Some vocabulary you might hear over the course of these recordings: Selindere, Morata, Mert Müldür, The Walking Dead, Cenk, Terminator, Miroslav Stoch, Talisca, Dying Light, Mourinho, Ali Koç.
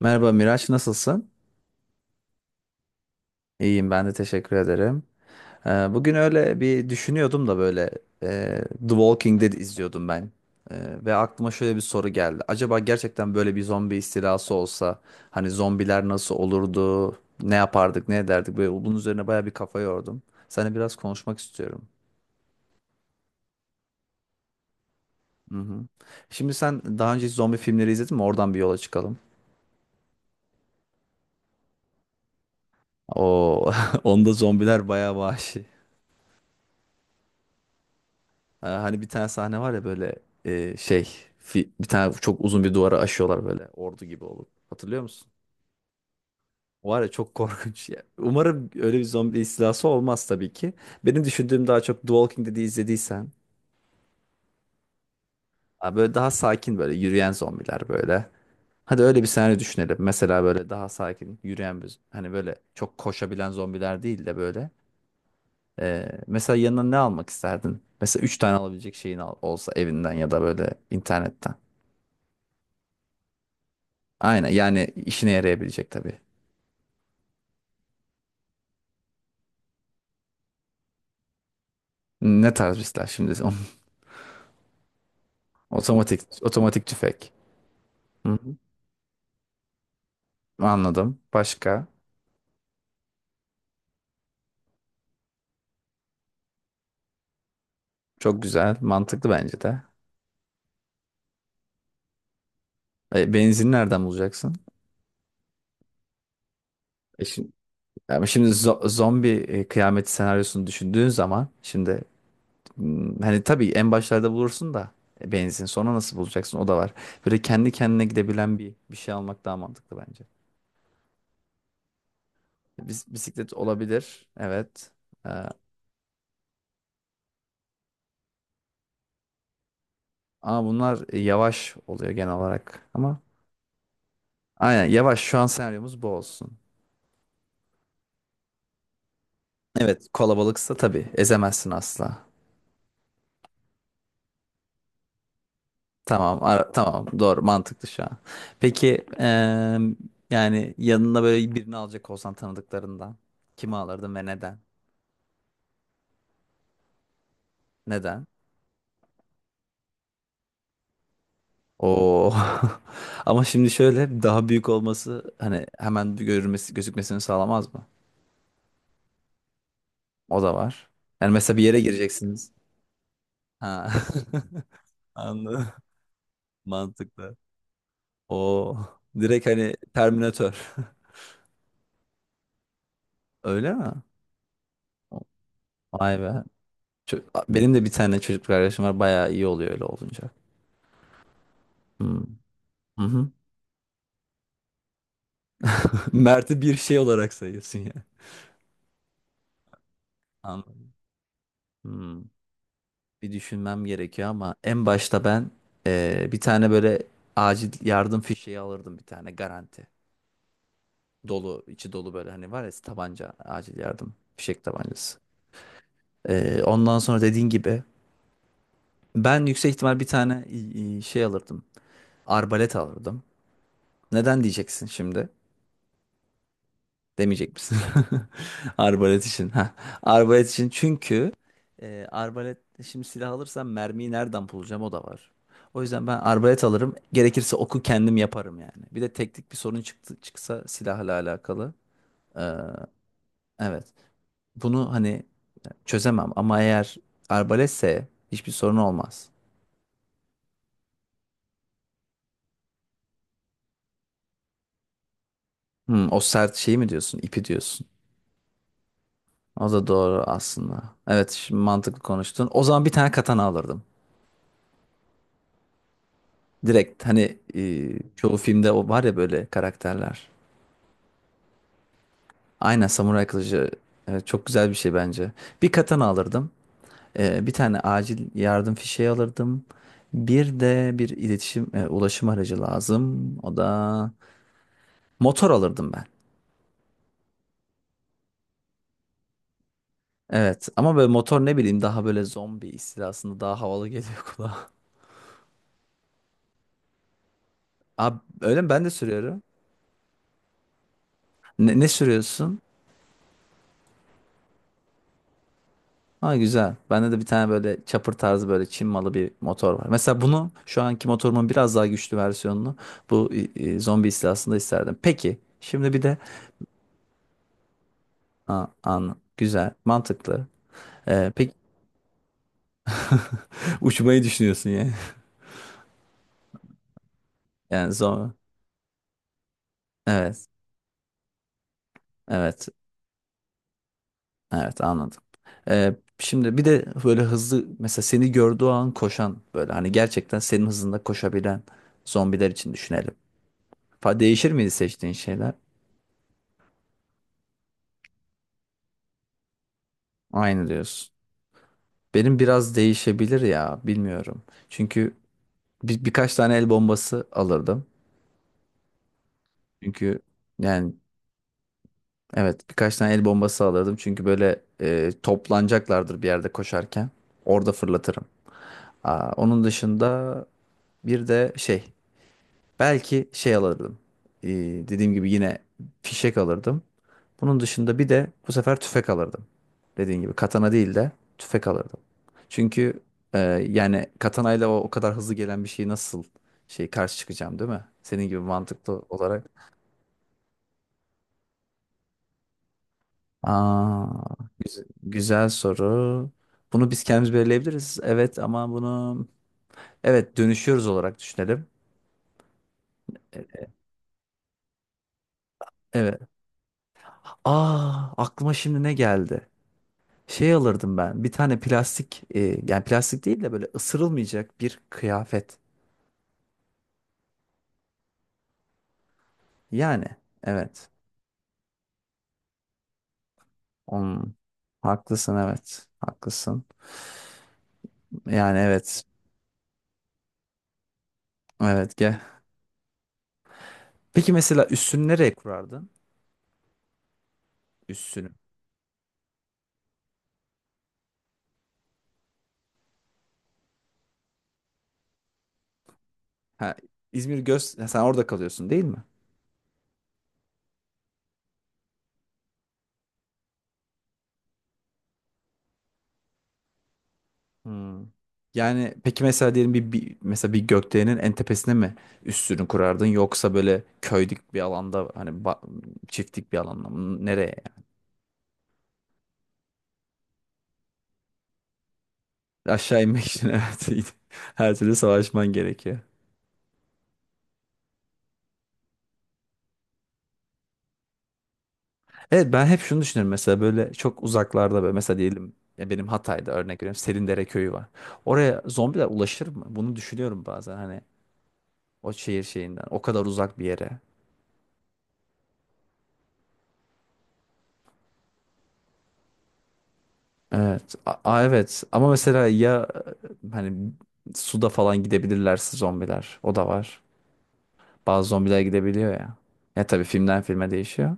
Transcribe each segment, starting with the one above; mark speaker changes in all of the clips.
Speaker 1: Merhaba Miraç, nasılsın? İyiyim ben de teşekkür ederim. Bugün öyle bir düşünüyordum da böyle The Walking Dead izliyordum ben. Ve aklıma şöyle bir soru geldi. Acaba gerçekten böyle bir zombi istilası olsa hani zombiler nasıl olurdu? Ne yapardık, ne ederdik? Böyle bunun üzerine baya bir kafa yordum. Seninle biraz konuşmak istiyorum. Hı hı. Şimdi sen daha önce hiç zombi filmleri izledin mi? Oradan bir yola çıkalım. O onda zombiler bayağı vahşi. Ha, hani bir tane sahne var ya böyle şey bir tane çok uzun bir duvara aşıyorlar böyle ordu gibi olup. Hatırlıyor musun? Var ya çok korkunç ya. Umarım öyle bir zombi istilası olmaz tabii ki. Benim düşündüğüm daha çok The Walking Dead'i izlediysen ha, böyle daha sakin böyle yürüyen zombiler böyle. Hadi öyle bir senaryo düşünelim. Mesela böyle daha sakin yürüyen bir hani böyle çok koşabilen zombiler değil de böyle. Mesela yanına ne almak isterdin? Mesela üç tane alabilecek şeyin olsa evinden ya da böyle internetten. Aynen yani işine yarayabilecek tabii. Ne tarz bir şimdi? Otomatik, otomatik tüfek. Hı hı. Anladım. Başka? Çok güzel. Mantıklı bence de. Benzin nereden bulacaksın? E şimdi, yani şimdi zombi kıyameti senaryosunu düşündüğün zaman şimdi, hani tabii en başlarda bulursun da benzin sonra nasıl bulacaksın o da var. Böyle kendi kendine gidebilen bir şey almak daha mantıklı bence. Bisiklet olabilir. Evet. Ama bunlar yavaş oluyor genel olarak. Ama aynen yavaş, şu an senaryomuz bu olsun. Evet, kalabalıksa tabii ezemezsin asla. Tamam, tamam, doğru, mantıklı şu an. Peki yani yanına böyle birini alacak olsan tanıdıklarından kimi alırdın ve neden? Neden? Oo. Ama şimdi şöyle daha büyük olması hani hemen bir görülmesi, gözükmesini sağlamaz mı? O da var. Yani mesela bir yere gireceksiniz. Ha. Anladım. Mantıklı. O direkt hani Terminator. Öyle mi? Vay be. Çö- Benim de bir tane çocuk kardeşim var. Bayağı iyi oluyor öyle olunca. Hmm. Hı hı. Mert'i bir şey olarak sayıyorsun ya. Anladım. Hmm. Bir düşünmem gerekiyor ama en başta ben bir tane böyle acil yardım fişeği alırdım, bir tane garanti. Dolu, içi dolu, böyle hani var ya, tabanca acil yardım fişek tabancası. Ondan sonra dediğin gibi ben yüksek ihtimal bir tane şey alırdım. Arbalet alırdım. Neden diyeceksin şimdi? Demeyecek misin? Arbalet için. Ha. Arbalet için, çünkü arbalet, şimdi silah alırsam mermiyi nereden bulacağım, o da var. O yüzden ben arbalet alırım. Gerekirse oku kendim yaparım yani. Bir de teknik bir sorun çıksa silahla alakalı. Ee, evet. Bunu hani çözemem ama eğer arbaletse hiçbir sorun olmaz. Hmm, o sert şeyi mi diyorsun? İpi diyorsun. O da doğru aslında. Evet, şimdi mantıklı konuştun. O zaman bir tane katana alırdım. Direkt hani, çoğu filmde o var ya böyle karakterler. Aynen, samuray kılıcı. Evet, çok güzel bir şey bence. Bir katana alırdım. Bir tane acil yardım fişeği alırdım. Bir de bir ulaşım aracı lazım. O da motor, alırdım ben. Evet ama böyle motor, ne bileyim, daha böyle zombi istilasında daha havalı geliyor kulağa. Abi öyle mi? Ben de sürüyorum. Ne sürüyorsun? Ha, güzel. Bende de bir tane böyle chopper tarzı, böyle Çin malı bir motor var. Mesela bunu, şu anki motorumun biraz daha güçlü versiyonunu, bu zombi istilasında isterdim. Peki şimdi bir de, ha, an güzel, mantıklı. Peki uçmayı düşünüyorsun ya. Yani zor. Evet. Evet. Evet, anladım. Şimdi bir de böyle hızlı, mesela seni gördüğü an koşan, böyle hani gerçekten senin hızında koşabilen zombiler için düşünelim. Değişir miydi seçtiğin şeyler? Aynı diyorsun. Benim biraz değişebilir ya, bilmiyorum. Çünkü birkaç tane el bombası alırdım. Çünkü yani evet, birkaç tane el bombası alırdım. Çünkü böyle, toplanacaklardır bir yerde koşarken. Orada fırlatırım. Aa, onun dışında bir de şey, belki şey alırdım. Ee, dediğim gibi, yine fişek alırdım. Bunun dışında bir de bu sefer tüfek alırdım. Dediğin gibi katana değil de tüfek alırdım. Çünkü e, yani katanayla o kadar hızlı gelen bir şeyi nasıl şey karşı çıkacağım, değil mi? Senin gibi mantıklı olarak. Aa, güzel, güzel soru. Bunu biz kendimiz belirleyebiliriz. Evet ama bunu, evet, dönüşüyoruz olarak düşünelim. E- Evet. Aa, aklıma şimdi ne geldi? Şey alırdım ben. Bir tane plastik, yani plastik değil de böyle ısırılmayacak bir kıyafet. Yani evet. Hmm, Haklısın, evet. Haklısın. Yani evet. Evet, gel. Peki mesela üssünü nereye kurardın? Üssünü. Ha, İzmir ha, sen orada kalıyorsun değil mi? Hmm. Yani peki mesela diyelim, bir mesela bir gökdelenin en tepesine mi üssünü kurardın, yoksa böyle köylük bir alanda, hani çiftlik bir alanda mı? Nereye? Yani? Aşağı inmek için evet. iyi. Her türlü savaşman gerekiyor. Evet, ben hep şunu düşünürüm mesela, böyle çok uzaklarda, böyle mesela diyelim ya, benim Hatay'da örnek veriyorum, Selindere köyü var. Oraya zombiler ulaşır mı? Bunu düşünüyorum bazen, hani o şehir şeyinden o kadar uzak bir yere. Evet. Evet ama mesela ya, hani suda falan gidebilirlerse zombiler, o da var. Bazı zombiler gidebiliyor ya. Ya tabii, filmden filme değişiyor.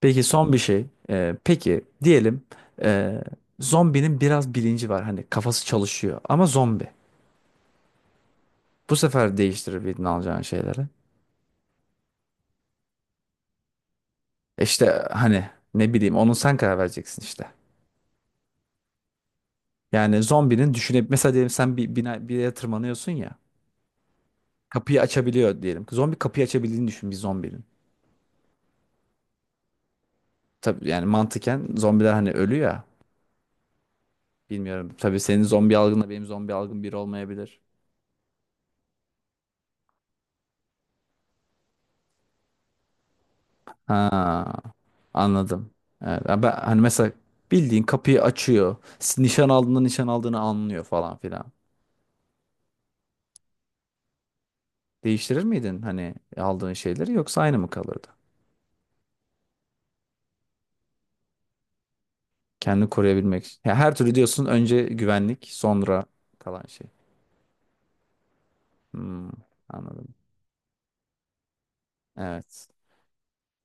Speaker 1: Peki, son bir şey. Peki diyelim, e, zombinin biraz bilinci var, hani kafası çalışıyor, ama zombi. Bu sefer değiştirebildin alacağın şeyleri. İşte hani, ne bileyim, onu sen karar vereceksin işte. Yani zombinin düşünüp, mesela diyelim, sen bir bina, bir yere tırmanıyorsun ya. Kapıyı açabiliyor diyelim. Zombi kapıyı açabildiğini düşün, bir zombinin. Tabii yani mantıken zombiler hani ölü ya. Bilmiyorum. Tabii senin zombi algınla benim zombi algım bir olmayabilir. Ha, anladım. Evet, ben hani mesela bildiğin kapıyı açıyor, nişan aldığında nişan aldığını anlıyor falan filan. Değiştirir miydin hani aldığın şeyleri, yoksa aynı mı kalırdı? Kendini koruyabilmek. Ya her türlü diyorsun, önce güvenlik, sonra kalan şey. Hmm, anladım. Evet.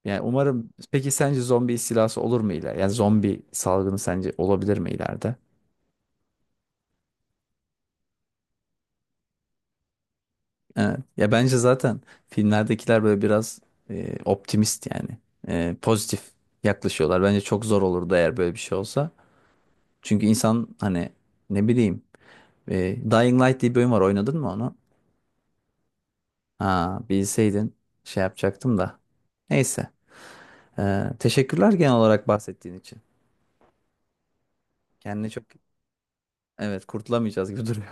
Speaker 1: Yani umarım, peki sence zombi istilası olur mu ileride? Yani zombi salgını sence olabilir mi ileride? Evet. Ya bence zaten filmlerdekiler böyle biraz, optimist yani. Pozitif yaklaşıyorlar. Bence çok zor olurdu eğer böyle bir şey olsa. Çünkü insan hani, ne bileyim, Dying Light diye bir oyun var, oynadın mı onu? Ha, bilseydin şey yapacaktım da. Neyse. Teşekkürler genel olarak bahsettiğin için. Kendini çok. Evet, kurtulamayacağız gibi duruyor.